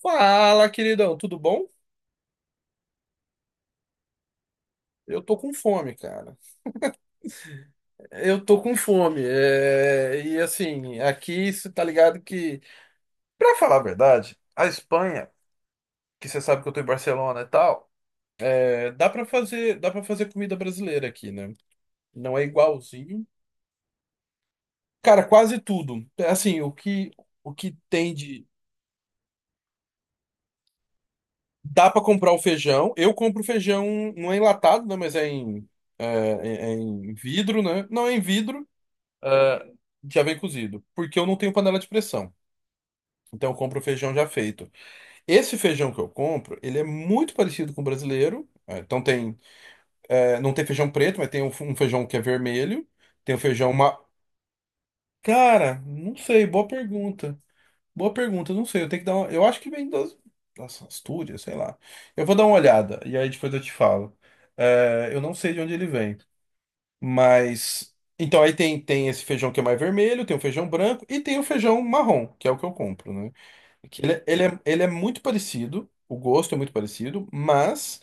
Fala, queridão, tudo bom? Eu tô com fome, cara. Eu tô com fome. E assim, aqui você tá ligado que, pra falar a verdade, a Espanha, que você sabe que eu tô em Barcelona e tal, dá para fazer comida brasileira aqui, né? Não é igualzinho. Cara, quase tudo. Assim, o que tem de, dá pra comprar o feijão. Eu compro feijão, não é enlatado, né, mas é em vidro, né? Não é em vidro. ah, Já vem cozido, porque eu não tenho panela de pressão. Então eu compro o feijão já feito. Esse feijão que eu compro, ele é muito parecido com o brasileiro. Então tem, não tem feijão preto, mas tem um feijão que é vermelho. Tem o feijão ma... Cara, não sei, boa pergunta. Boa pergunta, não sei. Eu tenho que dar uma... Eu acho que vem das Astúrias, sei lá. Eu vou dar uma olhada e aí depois eu te falo. Eu não sei de onde ele vem. Então, aí tem esse feijão que é mais vermelho, tem o feijão branco e tem o feijão marrom, que é o que eu compro, né? Que Ele, é, ele, é, ele é muito parecido, o gosto é muito parecido, mas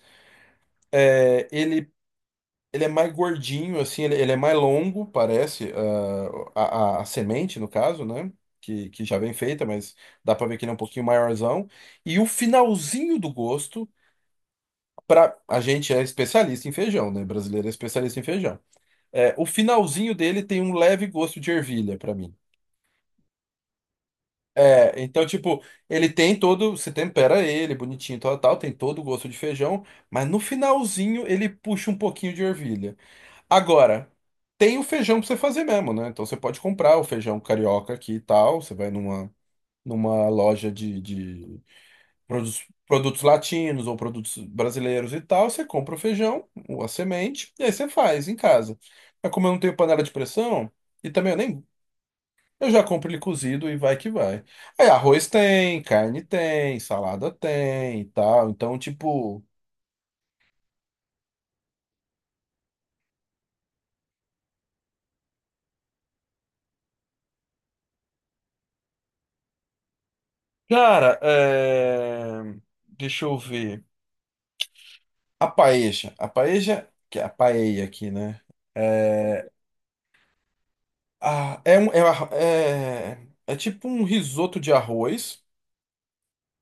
é, ele, ele é mais gordinho, assim, ele é mais longo, parece, a semente, no caso, né? Que já vem feita, mas dá pra ver que ele é um pouquinho maiorzão. E o finalzinho do gosto, a gente é especialista em feijão, né? Brasileiro é especialista em feijão. O finalzinho dele tem um leve gosto de ervilha pra mim. Então, tipo, ele tem todo. Você tempera ele, bonitinho, tal, tal, tem todo o gosto de feijão, mas no finalzinho ele puxa um pouquinho de ervilha. Agora, tem o feijão pra você fazer mesmo, né? Então você pode comprar o feijão carioca aqui e tal. Você vai numa loja de produtos latinos ou produtos brasileiros e tal. Você compra o feijão, a semente, e aí você faz em casa. Mas como eu não tenho panela de pressão. E também eu nem Eu já compro ele cozido e vai que vai. Aí arroz tem, carne tem, salada tem e tal. Então, tipo, cara, deixa eu ver. A paeja, que é a paella aqui, né? É, é tipo um risoto de arroz.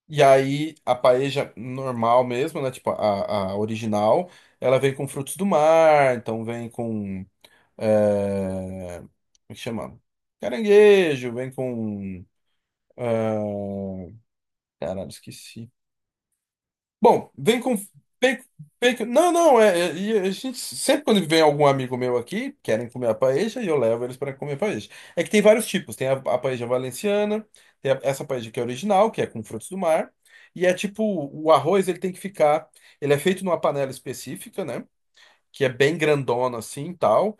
E aí a paeja normal mesmo, né? Tipo a original, ela vem com frutos do mar, então vem com, como é que chama? Caranguejo, vem com. é, Caralho, esqueci. Bom, vem com. Bacon, bacon. Não, não, e a gente, sempre quando vem algum amigo meu aqui, querem comer a paella, e eu levo eles para comer a paella. É que tem vários tipos, tem a paella valenciana, tem essa paella que é original, que é com frutos do mar, e é tipo, o arroz ele tem que ficar, ele é feito numa panela específica, né? Que é bem grandona assim, e tal.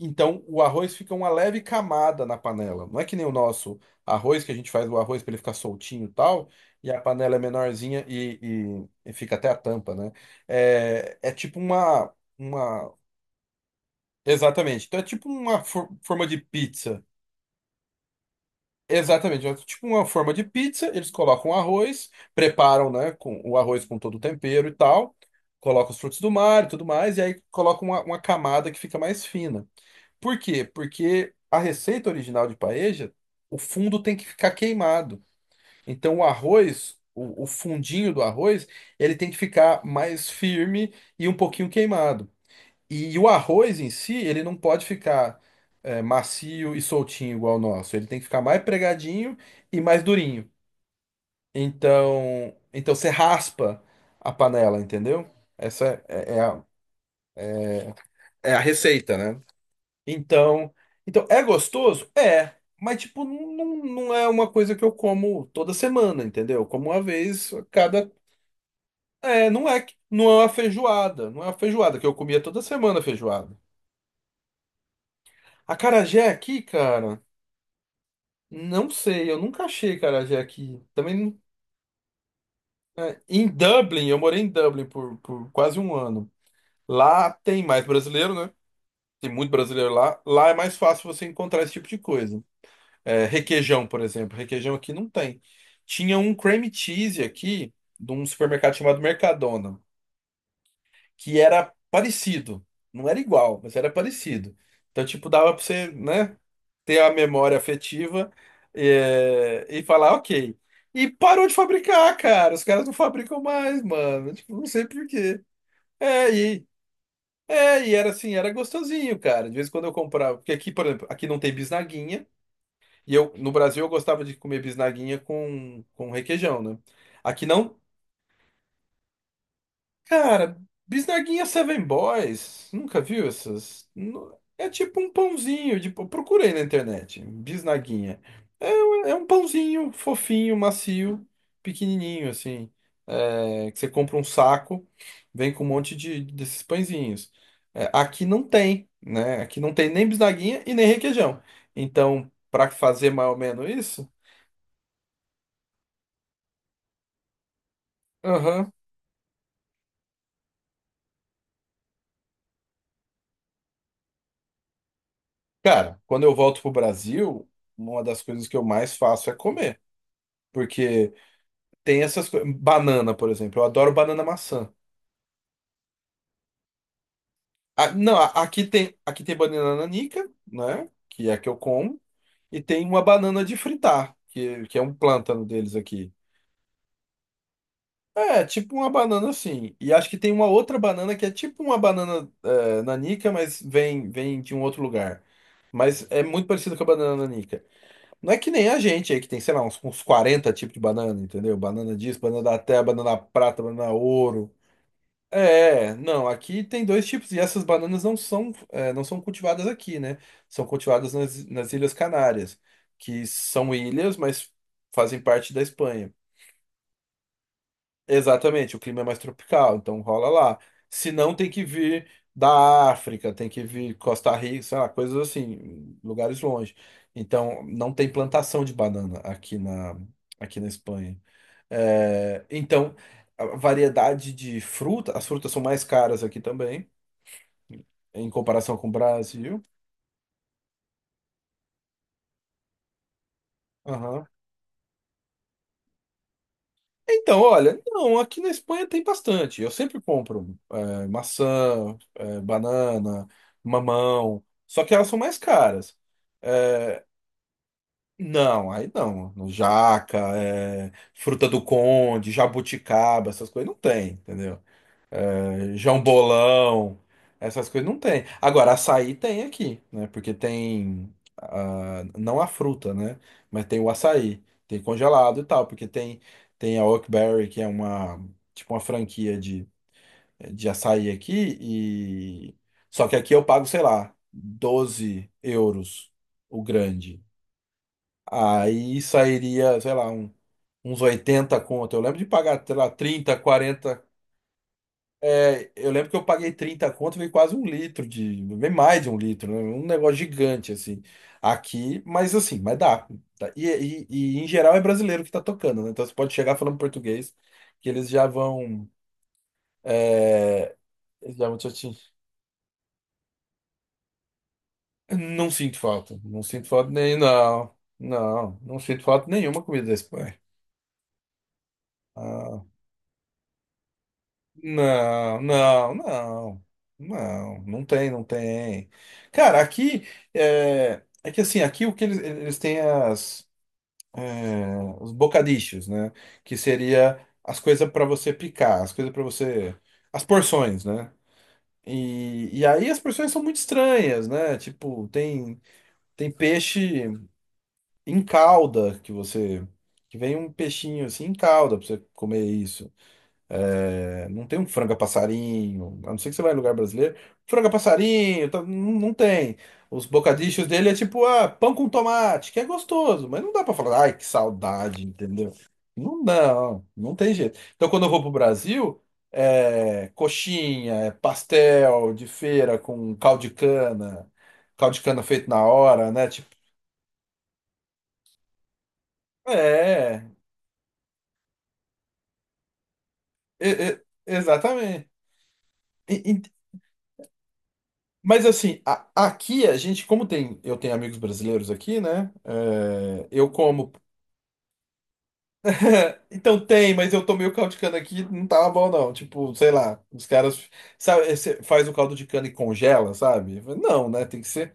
Então o arroz fica uma leve camada na panela. Não é que nem o nosso arroz, que a gente faz o arroz para ele ficar soltinho, e tal, e a panela é menorzinha e, e fica até a tampa, né? É, é tipo uma, exatamente. Então é tipo uma forma de pizza. Exatamente, é tipo uma forma de pizza, eles colocam arroz, preparam, né, com o arroz com todo o tempero e tal, colocam os frutos do mar e tudo mais, e aí colocam uma camada que fica mais fina. Por quê? Porque a receita original de paeja, o fundo tem que ficar queimado. Então o arroz, o fundinho do arroz, ele tem que ficar mais firme e um pouquinho queimado. E o arroz em si, ele não pode ficar macio e soltinho igual o nosso. Ele tem que ficar mais pregadinho e mais durinho. Então você raspa a panela, entendeu? Essa é a receita, né? Então, então é gostoso? É, mas tipo, não, não é uma coisa que eu como toda semana, entendeu? Eu como uma vez a cada. É, não é, não é uma feijoada, não é uma feijoada que eu comia toda semana feijoada. Acarajé aqui, cara, não sei, eu nunca achei acarajé aqui. Também em Dublin, eu morei em Dublin por quase um ano. Lá tem mais brasileiro, né? Tem muito brasileiro lá. Lá é mais fácil você encontrar esse tipo de coisa. É, requeijão, por exemplo. Requeijão aqui não tem. Tinha um cream cheese aqui, de um supermercado chamado Mercadona, que era parecido. Não era igual, mas era parecido. Então, tipo, dava pra você, né, ter a memória afetiva, é, e falar, ok. E parou de fabricar, cara. Os caras não fabricam mais, mano. Tipo, não sei por quê. É, e, e era assim, era gostosinho, cara. De vez em quando eu comprava. Porque aqui, por exemplo, aqui não tem bisnaguinha. E eu, no Brasil, eu gostava de comer bisnaguinha com requeijão, né? Aqui não. Cara, bisnaguinha Seven Boys. Nunca viu essas? É tipo um pãozinho. Eu procurei na internet. Bisnaguinha. É um pãozinho fofinho, macio, pequenininho, assim. É, que você compra um saco, vem com um monte desses pãezinhos. É, aqui não tem, né? Aqui não tem nem bisnaguinha e nem requeijão. Então, para fazer mais ou menos isso. Aham. Cara, quando eu volto pro Brasil, uma das coisas que eu mais faço é comer. Porque tem essas coisas. Banana, por exemplo. Eu adoro banana maçã. Ah, não, aqui tem banana nanica, né? Que é a que eu como. E tem uma banana de fritar, que é um plântano deles aqui. É, tipo uma banana assim. E acho que tem uma outra banana que é tipo uma banana nanica, mas vem de um outro lugar. Mas é muito parecido com a banana nanica. Não é que nem a gente aí, que tem, sei lá, uns 40 tipos de banana, entendeu? Banana disso, banana da terra, banana prata, banana ouro. É, não, aqui tem dois tipos, e essas bananas não são, é, não são cultivadas aqui, né? São cultivadas nas Ilhas Canárias, que são ilhas, mas fazem parte da Espanha. Exatamente, o clima é mais tropical, então rola lá. Se não, tem que vir da África, tem que vir Costa Rica, sei lá, coisas assim, lugares longe. Então, não tem plantação de banana aqui na Espanha. É, então, a variedade de fruta, as frutas são mais caras aqui também, em comparação com o Brasil. Então, olha, não, aqui na Espanha tem bastante. Eu sempre compro maçã, banana, mamão, só que elas são mais caras. É, não, aí não. Jaca, é, fruta do conde, jabuticaba, essas coisas não tem, entendeu? João Bolão, essas coisas não tem. Agora, açaí tem aqui, né? Porque tem, ah, não a fruta, né? Mas tem o açaí, tem congelado e tal, porque tem a Oakberry, que é uma tipo uma franquia de açaí aqui, e só que aqui eu pago, sei lá, 12 euros o grande. Aí sairia, sei lá, uns 80 conto. Eu lembro de pagar, sei lá, 30, 40. É, eu lembro que eu paguei 30 conto, veio quase um litro de, veio mais de um litro, né? Um negócio gigante assim. Aqui, mas assim, mas dá. Tá? E, em geral é brasileiro que tá tocando, né? Então você pode chegar falando português, que eles já vão, é, eles já vão. Não sinto falta, não sinto falta nem não, não, não sinto falta nenhuma comida da Espanha. Ah, não, não, não, não, não tem, não tem. Cara, aqui é, é que assim, aqui o que eles têm as, é, os bocadinhos, né? Que seria as coisas para você picar, as coisas para você, as porções, né? E aí as porções são muito estranhas, né? Tipo, tem peixe em calda, que você, que vem um peixinho assim em calda para você comer isso. É, não tem um franga passarinho, a não ser que você vai em lugar brasileiro. Franga passarinho, tá, não, não tem. Os bocadichos dele é tipo, ah, pão com tomate, que é gostoso, mas não dá pra falar, ai, que saudade, entendeu? Não, não, não tem jeito. Então quando eu vou pro Brasil, é coxinha, é pastel de feira com caldo de cana feito na hora, né? Tipo, é, exatamente. Mas assim, aqui a gente, como tem, eu tenho amigos brasileiros aqui, né? É, eu como. Então tem, mas eu tô meio caldo de cana aqui, não tava bom não. Tipo, sei lá, os caras sabe, faz o caldo de cana e congela, sabe? Não, né? Tem que ser.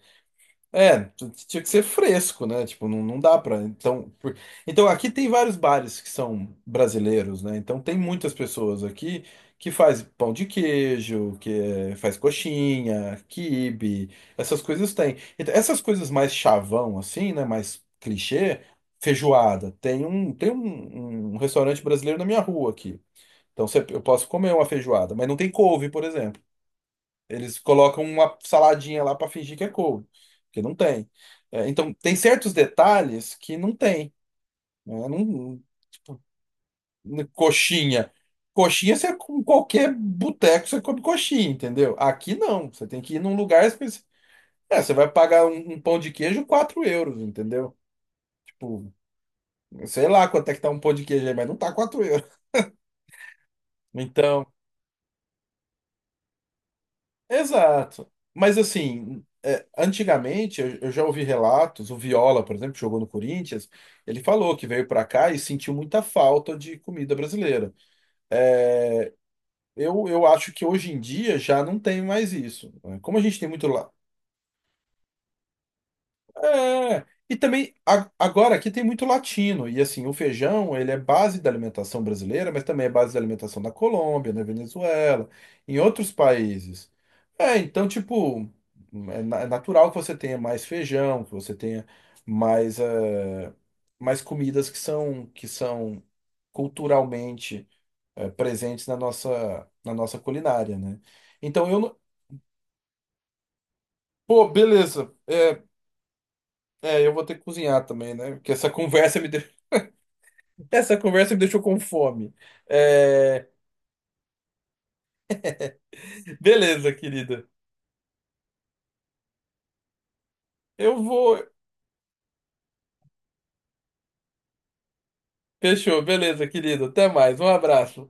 É, tinha que ser fresco, né? Tipo, não, não dá pra. Então, então, aqui tem vários bares que são brasileiros, né? Então, tem muitas pessoas aqui que faz pão de queijo, faz coxinha, quibe, essas coisas tem. Então, essas coisas mais chavão, assim, né? Mais clichê, feijoada. Tem um, tem um restaurante brasileiro na minha rua aqui. Então, eu posso comer uma feijoada, mas não tem couve, por exemplo. Eles colocam uma saladinha lá para fingir que é couve, que não tem. É, então, tem certos detalhes que não tem, né? Coxinha. Coxinha, você, com qualquer boteco, você come coxinha, entendeu? Aqui não. Você tem que ir num lugar específico. É, você vai pagar um pão de queijo 4 euros, entendeu? Tipo, sei lá quanto é que tá um pão de queijo aí, mas não tá 4 euros. Então. Exato. Mas assim, é, antigamente eu já ouvi relatos, o Viola, por exemplo, que jogou no Corinthians, ele falou que veio para cá e sentiu muita falta de comida brasileira. É, eu acho que hoje em dia já não tem mais isso, né? Como a gente tem muito. É, e também agora aqui tem muito latino, e assim, o feijão, ele é base da alimentação brasileira, mas também é base da alimentação da Colômbia, na Venezuela, em outros países. Então, tipo, é natural que você tenha mais feijão, que você tenha mais, mais comidas que são culturalmente, presentes na nossa culinária, né? Então, eu não. Pô, beleza. Eu vou ter que cozinhar também, né? Porque essa conversa me Essa conversa me deixou com fome. É, Beleza, querida. Eu vou. Fechou, beleza, querida. Até mais. Um abraço.